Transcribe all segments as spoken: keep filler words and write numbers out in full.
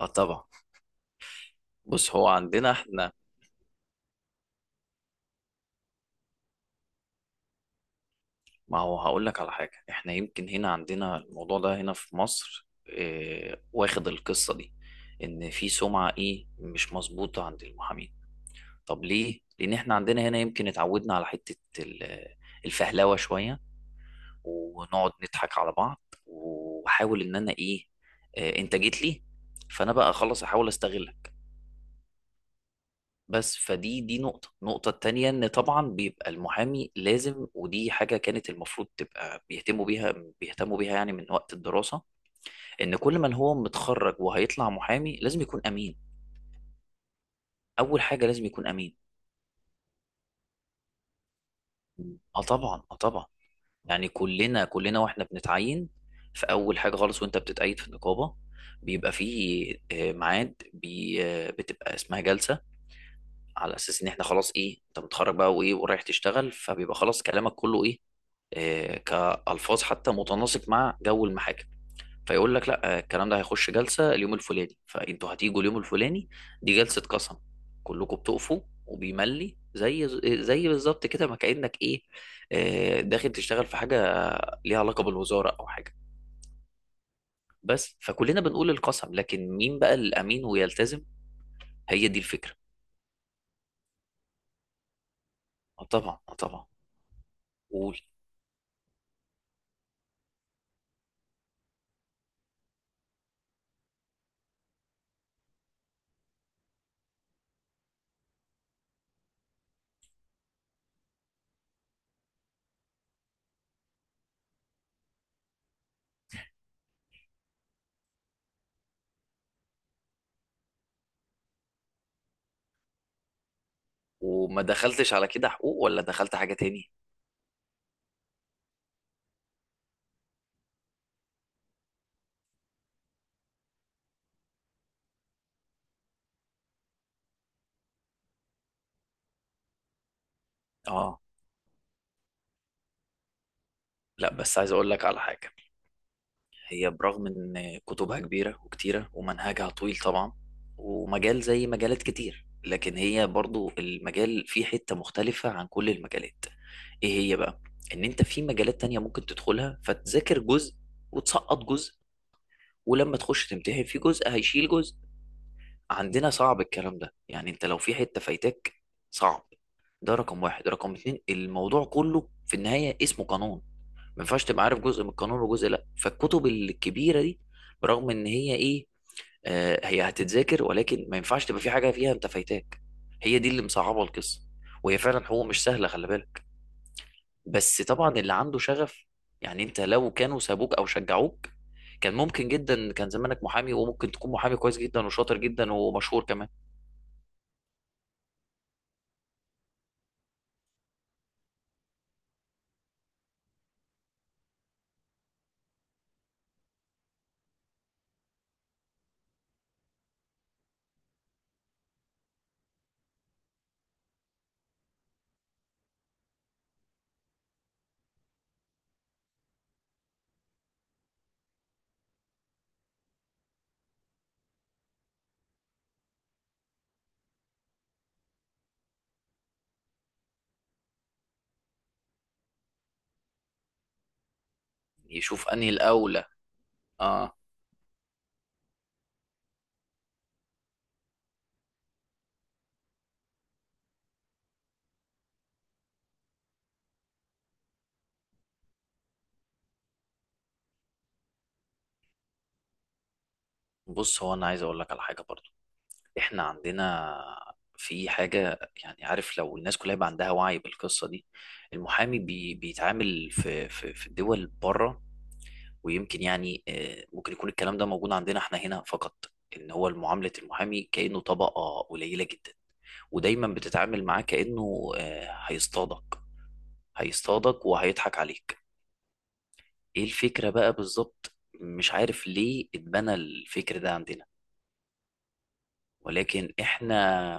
اه، طبعا. بص، هو عندنا احنا. ما هو هقول لك على حاجه. احنا يمكن هنا عندنا الموضوع ده هنا في مصر، اه واخد القصه دي، ان في سمعه ايه مش مظبوطه عند المحامين. طب ليه؟ لان احنا عندنا هنا يمكن اتعودنا على حته ال- الفهلوه شويه، ونقعد نضحك على بعض، واحاول ان انا ايه، اه انت جيت لي، فانا بقى خلاص احاول استغلك. بس فدي دي نقطة. النقطة التانية إن طبعا بيبقى المحامي لازم، ودي حاجة كانت المفروض تبقى بيهتموا بيها، بيهتموا بيها يعني من وقت الدراسة، إن كل من هو متخرج وهيطلع محامي لازم يكون أمين. أول حاجة لازم يكون أمين. اه طبعا، اه طبعا. يعني كلنا، كلنا واحنا بنتعين في اول حاجه خالص، وانت بتتقيد في النقابه، بيبقى فيه آه، ميعاد بي آه، بتبقى اسمها جلسه، على اساس ان احنا خلاص ايه، انت متخرج بقى وايه ورايح تشتغل، فبيبقى خلاص كلامك كله ايه، آه، كألفاظ حتى متناسق مع جو المحاكم. فيقول لك لا آه، الكلام ده هيخش جلسة اليوم الفلاني، فانتوا هتيجوا اليوم الفلاني، دي جلسة قسم، كلكم بتقفوا، وبيملي زي زي بالظبط كده، ما كأنك ايه، آه، داخل تشتغل في حاجة ليها علاقة بالوزارة او حاجة. بس، فكلنا بنقول القسم، لكن مين بقى الامين ويلتزم؟ هي دي الفكرة. آه، طبعا، آه، طبعا. قول. وما دخلتش على كده حقوق، ولا دخلت حاجة تاني. اه، لا بس عايز اقول لك على حاجة. هي برغم ان كتبها كبيره وكتيره ومنهجها طويل طبعا، ومجال زي مجالات كتير، لكن هي برضو المجال فيه حته مختلفه عن كل المجالات. ايه هي بقى؟ ان انت في مجالات تانية ممكن تدخلها فتذاكر جزء، وتسقط جزء، ولما تخش تمتحن في جزء هيشيل جزء. عندنا صعب الكلام ده، يعني انت لو في حتة فايتاك صعب. ده رقم واحد. رقم اتنين، الموضوع كله في النهاية اسمه قانون، ما ينفعش تبقى عارف جزء من القانون وجزء لا. فالكتب الكبيره دي برغم ان هي ايه، آه هي هتتذاكر، ولكن ما ينفعش تبقى في حاجه فيها انت فايتاك. هي دي اللي مصعبه القصه. وهي فعلا حقوق مش سهله، خلي بالك. بس طبعا اللي عنده شغف، يعني انت لو كانوا سابوك او شجعوك، كان ممكن جدا كان زمانك محامي، وممكن تكون محامي كويس جدا، وشاطر جدا، ومشهور كمان. يشوف انهي الاولى. اه. بص، هو انا عايز اقول لك على حاجه برضه. احنا عندنا في حاجة، يعني عارف لو الناس كلها يبقى عندها وعي بالقصة دي. المحامي بي بيتعامل في في في الدول بره، ويمكن يعني آه، ممكن يكون الكلام ده موجود عندنا احنا هنا فقط، ان هو معاملة المحامي كأنه طبقة قليلة جدا، ودايما بتتعامل معاه كأنه آه، هيصطادك. هيصطادك وهيضحك عليك. ايه الفكرة بقى بالظبط؟ مش عارف ليه اتبنى الفكر ده عندنا، ولكن احنا،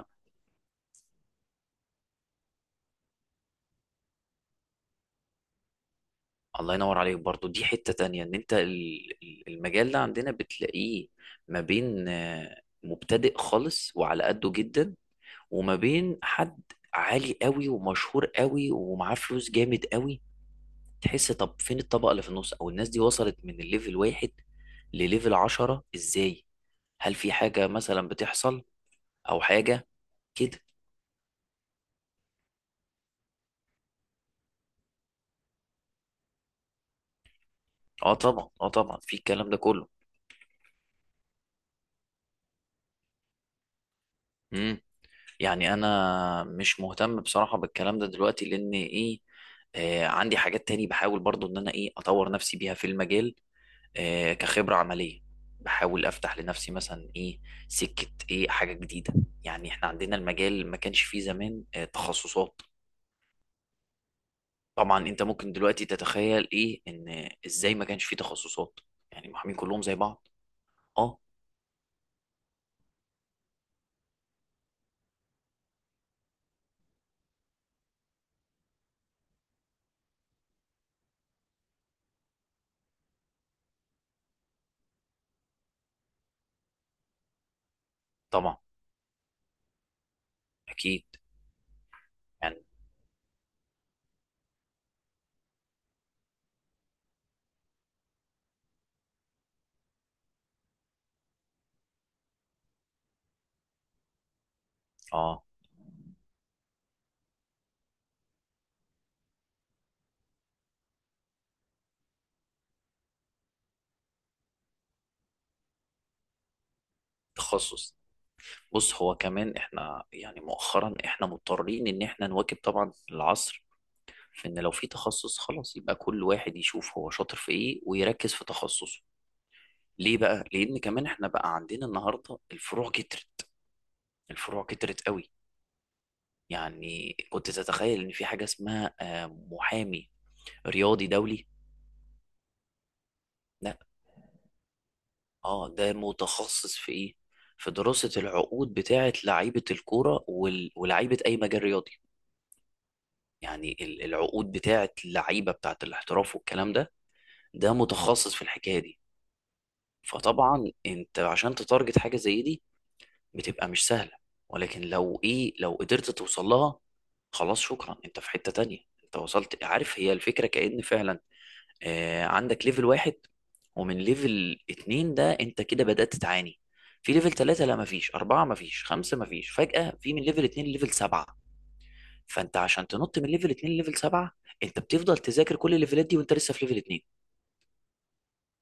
الله ينور عليك برضو، دي حتة تانية ان انت ال- ال- المجال ده عندنا بتلاقيه ما بين آه، مبتدئ خالص وعلى قده جدا، وما بين حد عالي قوي ومشهور قوي ومعاه فلوس جامد قوي. تحس طب فين الطبقة اللي في النص؟ او الناس دي وصلت من الليفل واحد لليفل عشرة ازاي؟ هل في حاجة مثلا بتحصل او حاجة كده؟ اه طبعا، اه طبعا، في الكلام ده كله. يعني انا مش مهتم بصراحة بالكلام ده دلوقتي لان ايه، آه عندي حاجات تاني بحاول برضو ان انا ايه اطور نفسي بيها في المجال، آه كخبرة عملية. بحاول افتح لنفسي مثلا ايه، سكة ايه، حاجة جديدة. يعني احنا عندنا المجال ما كانش فيه زمان آه تخصصات. طبعا انت ممكن دلوقتي تتخيل ايه ان ازاي ما كانش فيه تخصصات، يعني المحامين كلهم زي بعض. اه. طبعا. اكيد. يعني اه. تخصص. بص، هو كمان احنا يعني مؤخرا احنا مضطرين ان احنا نواكب طبعا العصر، في ان لو في تخصص خلاص يبقى كل واحد يشوف هو شاطر في ايه، ويركز في تخصصه. ليه بقى؟ لان كمان احنا بقى عندنا النهارده الفروع كترت. الفروع كترت قوي. يعني كنت تتخيل ان في حاجه اسمها آه، محامي رياضي دولي؟ لا. اه، ده متخصص في ايه؟ في دراسه العقود بتاعه لعيبه الكوره وال- ولاعيبه اي مجال رياضي. يعني ال- العقود بتاعه اللعيبه بتاعه الاحتراف والكلام ده، ده متخصص في الحكايه دي. فطبعا انت عشان تتارجت حاجه زي دي، بتبقى مش سهله، ولكن لو ايه، لو قدرت توصل لها خلاص شكرا، انت في حته تانية. انت وصلت عارف هي الفكره، كأن فعلا آه عندك ليفل واحد، ومن ليفل اتنين ده انت كده بدأت تعاني. في ليفل تلاتة لا، مفيش أربعة، مفيش خمسة، مفيش، فجأة في من ليفل اتنين ليفل سبعة. فانت عشان تنط من ليفل اتنين لليفل سبعة، انت بتفضل تذاكر كل الليفلات دي وانت لسه في ليفل اتنين.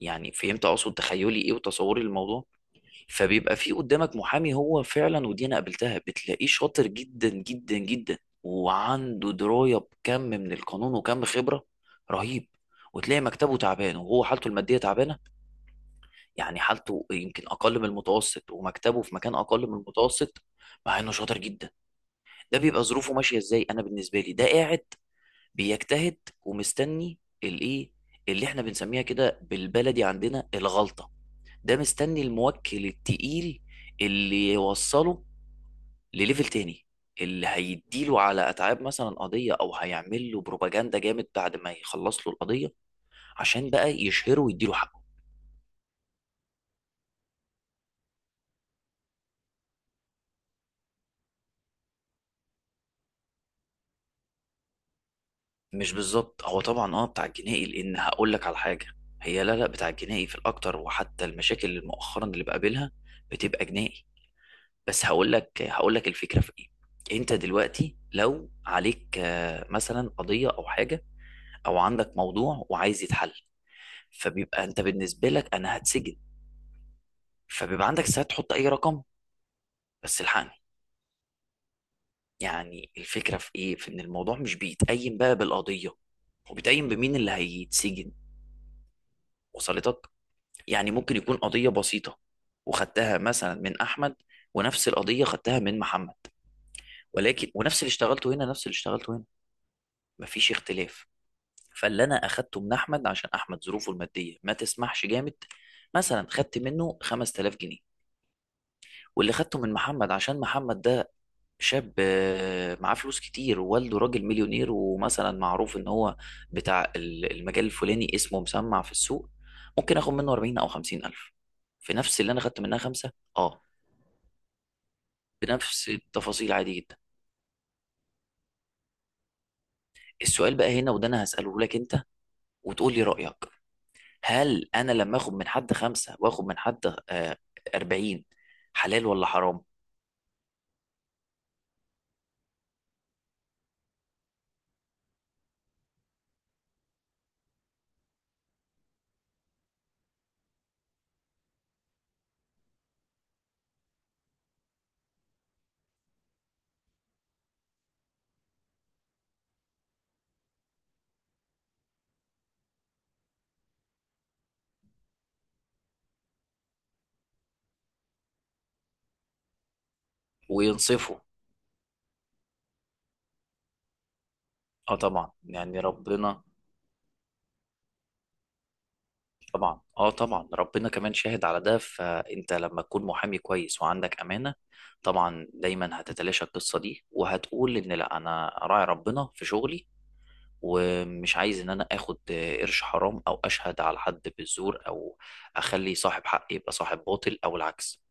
يعني فهمت اقصد؟ تخيلي ايه وتصوري للموضوع. فبيبقى في قدامك محامي هو فعلا، ودي انا قابلتها، بتلاقيه شاطر جدا جدا جدا، وعنده درايه بكم من القانون، وكم خبره رهيب، وتلاقي مكتبه تعبان، وهو حالته الماديه تعبانه، يعني حالته يمكن اقل من المتوسط، ومكتبه في مكان اقل من المتوسط. مع انه شاطر جدا. ده بيبقى ظروفه ماشيه ازاي؟ انا بالنسبه لي، ده قاعد بيجتهد، ومستني الايه، اللي احنا بنسميها كده بالبلدي عندنا الغلطة. ده مستني الموكل التقيل، اللي يوصله لليفل تاني، اللي هيديله على اتعاب مثلا قضية، او هيعمل له بروباجندا جامد بعد ما يخلص له القضية، عشان بقى يشهره ويديله حقه. مش بالظبط، هو طبعا اه بتاع الجنائي، لان هقول لك على حاجة، هي لا لا بتاع الجنائي في الاكتر، وحتى المشاكل اللي مؤخرا اللي بقابلها بتبقى جنائي. بس هقول لك هقول لك الفكره في ايه. انت دلوقتي لو عليك آه، مثلا قضيه او حاجه، او عندك موضوع وعايز يتحل، فبيبقى انت بالنسبه لك انا هتسجن، فبيبقى عندك ساعه تحط اي رقم، بس الحقني. يعني الفكره في ايه، في ان الموضوع مش بيتقيم بقى بالقضيه، وبيتقيم بمين اللي هيتسجن. وصلتك؟ يعني ممكن يكون قضيه بسيطه، وخدتها مثلا من احمد، ونفس القضيه خدتها من محمد، ولكن ونفس اللي اشتغلته هنا، نفس اللي اشتغلته هنا، مفيش اختلاف. فاللي انا اخدته من احمد عشان احمد ظروفه الماديه ما تسمحش جامد، مثلا خدت منه خمسة آلاف جنيه، واللي خدته من محمد عشان محمد ده شاب آه، معاه فلوس كتير، ووالده راجل مليونير، ومثلا معروف ان هو بتاع ال- المجال الفلاني، اسمه مسمع في السوق، ممكن اخد منه أربعين او خمسين الف، في نفس اللي انا خدت منها خمسة اه، بنفس التفاصيل، عادي جدا. السؤال بقى هنا، وده انا هسأله لك انت، وتقول لي رأيك، هل انا لما اخد من حد خمسة، واخد من حد آه، أربعين، حلال ولا حرام؟ وينصفوا. اه طبعا، يعني ربنا، طبعا اه طبعا، ربنا كمان شاهد على ده. فانت لما تكون محامي كويس وعندك امانة، طبعا دايما هتتلاشى القصة دي، وهتقول ان لا انا راعي ربنا في شغلي، ومش عايز ان انا اخد آه، قرش حرام، او اشهد على حد بالزور، او اخلي صاحب حق يبقى صاحب باطل او العكس.